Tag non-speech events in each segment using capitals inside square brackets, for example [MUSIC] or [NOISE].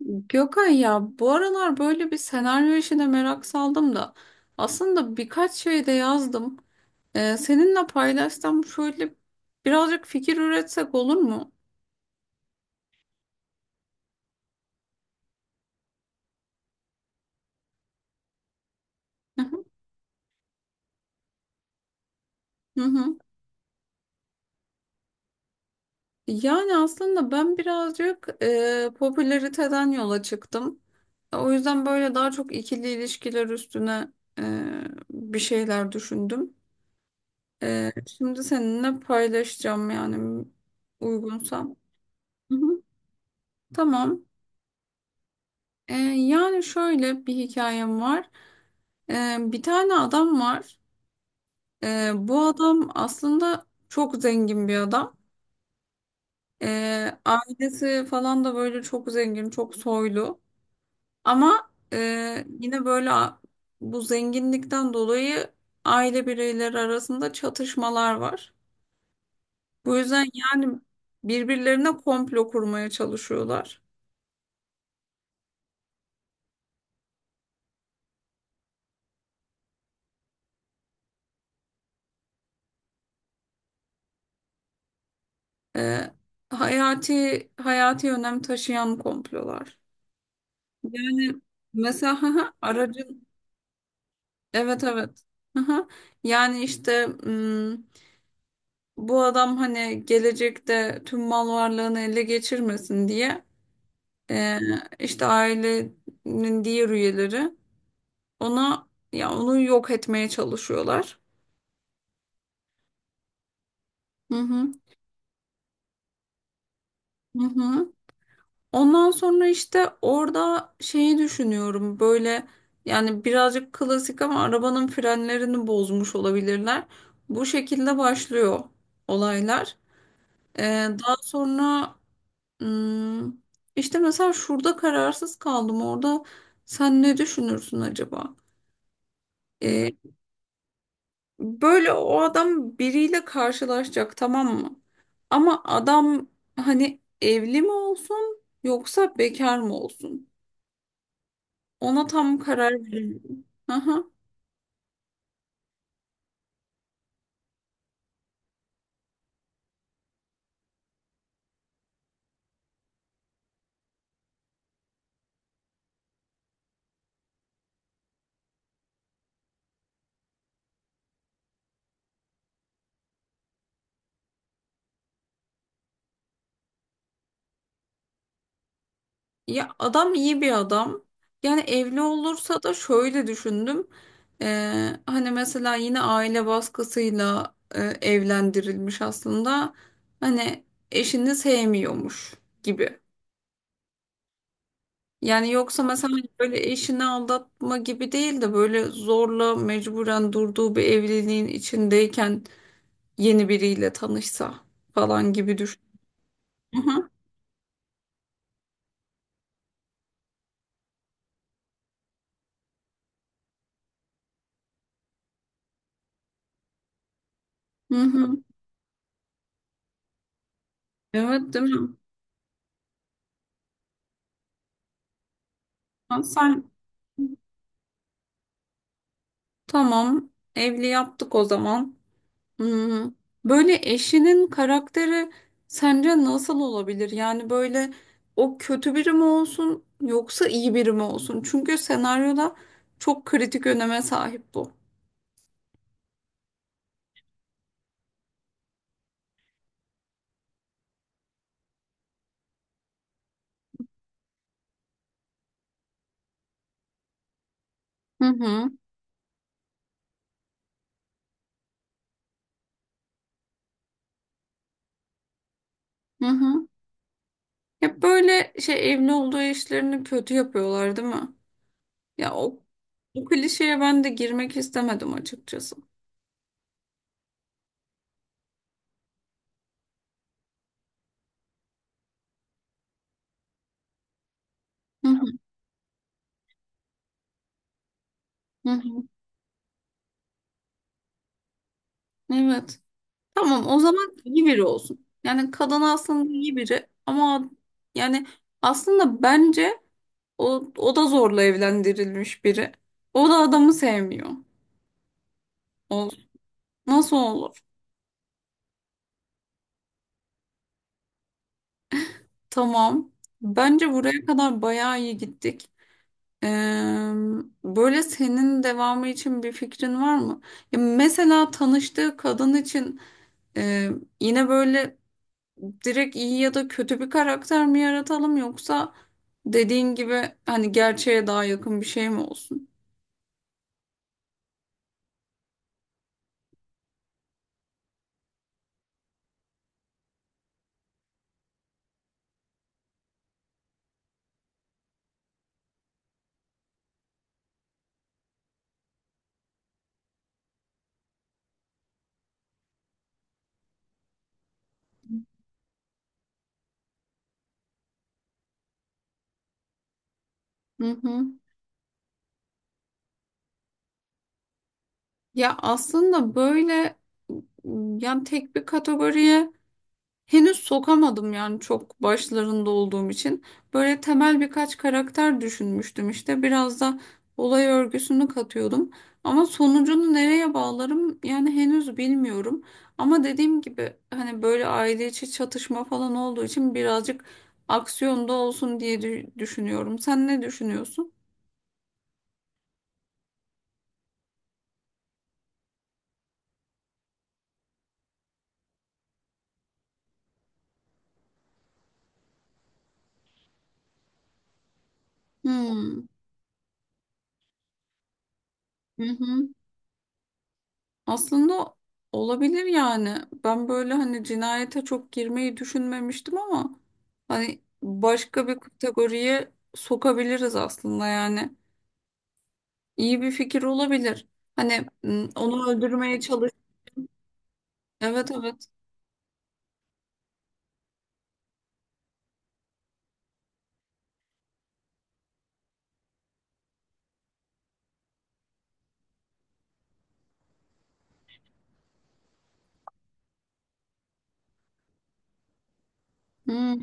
Gökay ya bu aralar böyle bir senaryo işine merak saldım da aslında birkaç şey de yazdım. Seninle paylaşsam şöyle birazcık fikir üretsek olur mu? Hı hı. Hı hı. Yani aslında ben birazcık popülariteden yola çıktım. O yüzden böyle daha çok ikili ilişkiler üstüne e, bir şeyler düşündüm. Şimdi seninle paylaşacağım yani uygunsam. Hı hı. Tamam. Yani şöyle bir hikayem var. Bir tane adam var. Bu adam aslında çok zengin bir adam. Ailesi falan da böyle çok zengin, çok soylu. Ama yine böyle bu zenginlikten dolayı aile bireyleri arasında çatışmalar var. Bu yüzden yani birbirlerine komplo kurmaya çalışıyorlar. Ee, Hayati hayati önem taşıyan komplolar. Yani mesela [LAUGHS] haha, aracın evet evet. Haha. Yani işte bu adam hani gelecekte tüm mal varlığını ele geçirmesin diye, e, işte ailenin diğer üyeleri ona ya onu yok etmeye çalışıyorlar. Hı hı. Hı hı. Ondan sonra işte orada şeyi düşünüyorum böyle, yani birazcık klasik ama arabanın frenlerini bozmuş olabilirler. Bu şekilde başlıyor olaylar. Daha sonra hmm, işte mesela şurada kararsız kaldım, orada sen ne düşünürsün acaba? Ee, Böyle o adam biriyle karşılaşacak, tamam mı? Ama adam hani evli mi olsun yoksa bekar mı olsun? Ona tam karar veririm. Aha. Ya adam iyi bir adam. Yani evli olursa da şöyle düşündüm. Hani mesela yine aile baskısıyla evlendirilmiş aslında. Hani eşini sevmiyormuş gibi. Yani yoksa mesela hani böyle eşini aldatma gibi değil de böyle zorla mecburen durduğu bir evliliğin içindeyken yeni biriyle tanışsa falan gibi düşün. Hı hı. Hı hı. Evet değil mi? Ha, sen. Tamam, evli yaptık o zaman. Hmm, Böyle eşinin karakteri sence nasıl olabilir? Yani böyle o kötü biri mi olsun yoksa iyi biri mi olsun? Çünkü senaryoda çok kritik öneme sahip bu. Hı hı, hı hı. Hep böyle şey, evli olduğu eşlerini kötü yapıyorlar, değil mi? Ya o, o klişeye ben de girmek istemedim açıkçası. Hı hı, hı hı. Evet. Tamam o zaman iyi biri olsun. Yani kadın aslında iyi biri ama yani aslında bence o da zorla evlendirilmiş biri. O da adamı sevmiyor. O, nasıl olur? Tamam. Bence buraya kadar bayağı iyi gittik. Ee, Böyle senin devamı için bir fikrin var mı? Ya mesela tanıştığı kadın için e, yine böyle direkt iyi ya da kötü bir karakter mi yaratalım yoksa dediğin gibi hani gerçeğe daha yakın bir şey mi olsun? Hı hı. Ya aslında böyle yani tek bir kategoriye henüz sokamadım yani çok başlarında olduğum için. Böyle temel birkaç karakter düşünmüştüm işte. Biraz da olay örgüsünü katıyordum. Ama sonucunu nereye bağlarım yani henüz bilmiyorum. Ama dediğim gibi hani böyle aile içi çatışma falan olduğu için birazcık aksiyonda olsun diye düşünüyorum. Sen ne düşünüyorsun? Hmm. Hı hı. Aslında olabilir yani. Ben böyle hani cinayete çok girmeyi düşünmemiştim ama hani başka bir kategoriye sokabiliriz aslında yani. İyi bir fikir olabilir. Hani onu öldürmeye çalış. Evet evet. Hmm,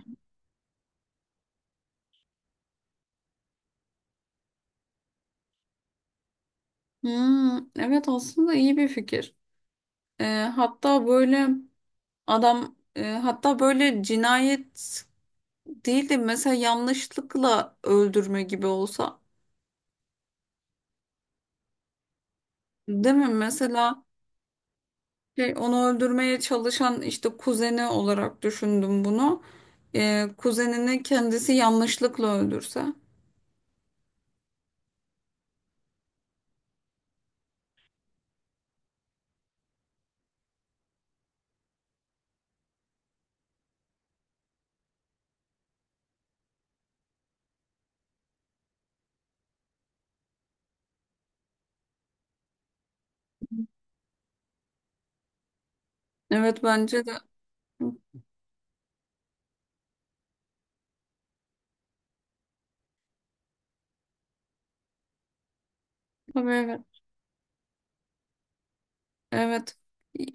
hmm. Evet aslında iyi bir fikir. Ee, Hatta böyle adam hatta böyle cinayet değil de mesela yanlışlıkla öldürme gibi olsa. Değil mi? Mesela şey, onu öldürmeye çalışan işte kuzeni olarak düşündüm bunu. Kuzenini kendisi yanlışlıkla öldürse. Evet bence de. Tabii evet. Evet.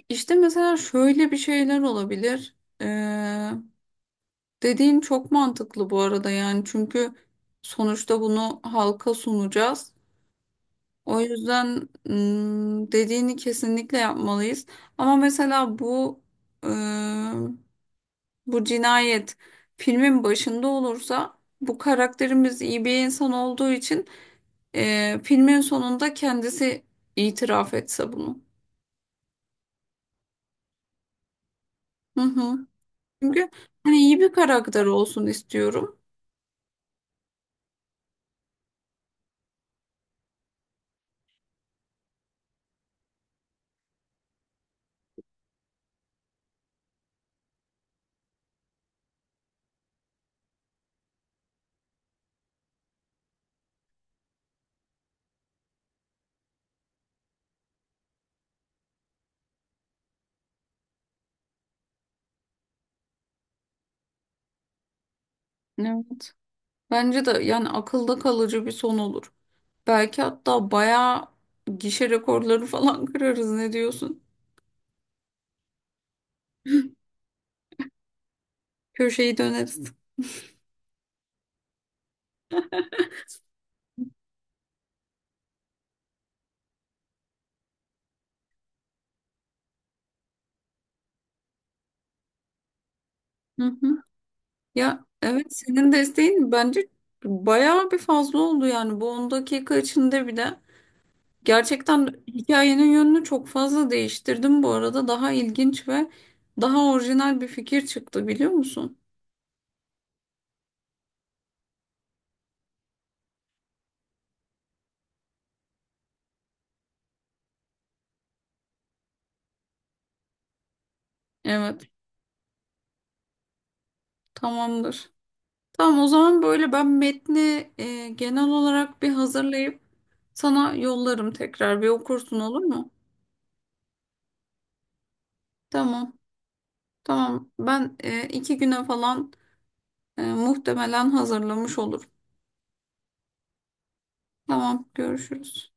İşte mesela şöyle bir şeyler olabilir. Ee, Dediğin çok mantıklı bu arada yani çünkü sonuçta bunu halka sunacağız. O yüzden dediğini kesinlikle yapmalıyız. Ama mesela bu, bu cinayet filmin başında olursa bu karakterimiz iyi bir insan olduğu için filmin sonunda kendisi itiraf etse bunu. Hı hı. Çünkü hani iyi bir karakter olsun istiyorum. Evet. Bence de yani akılda kalıcı bir son olur. Belki hatta bayağı gişe rekorları falan [LAUGHS] kırarız, ne diyorsun? Köşeyi döneriz. Hı hı. Ya evet, senin desteğin bence bayağı bir fazla oldu yani bu 10 dakika içinde, bir de gerçekten hikayenin yönünü çok fazla değiştirdim bu arada, daha ilginç ve daha orijinal bir fikir çıktı, biliyor musun? Evet, tamamdır. Tamam o zaman böyle ben metni genel olarak bir hazırlayıp sana yollarım, tekrar bir okursun olur mu? Tamam. Tamam. Ben 2 güne falan muhtemelen hazırlamış olurum. Tamam. Görüşürüz.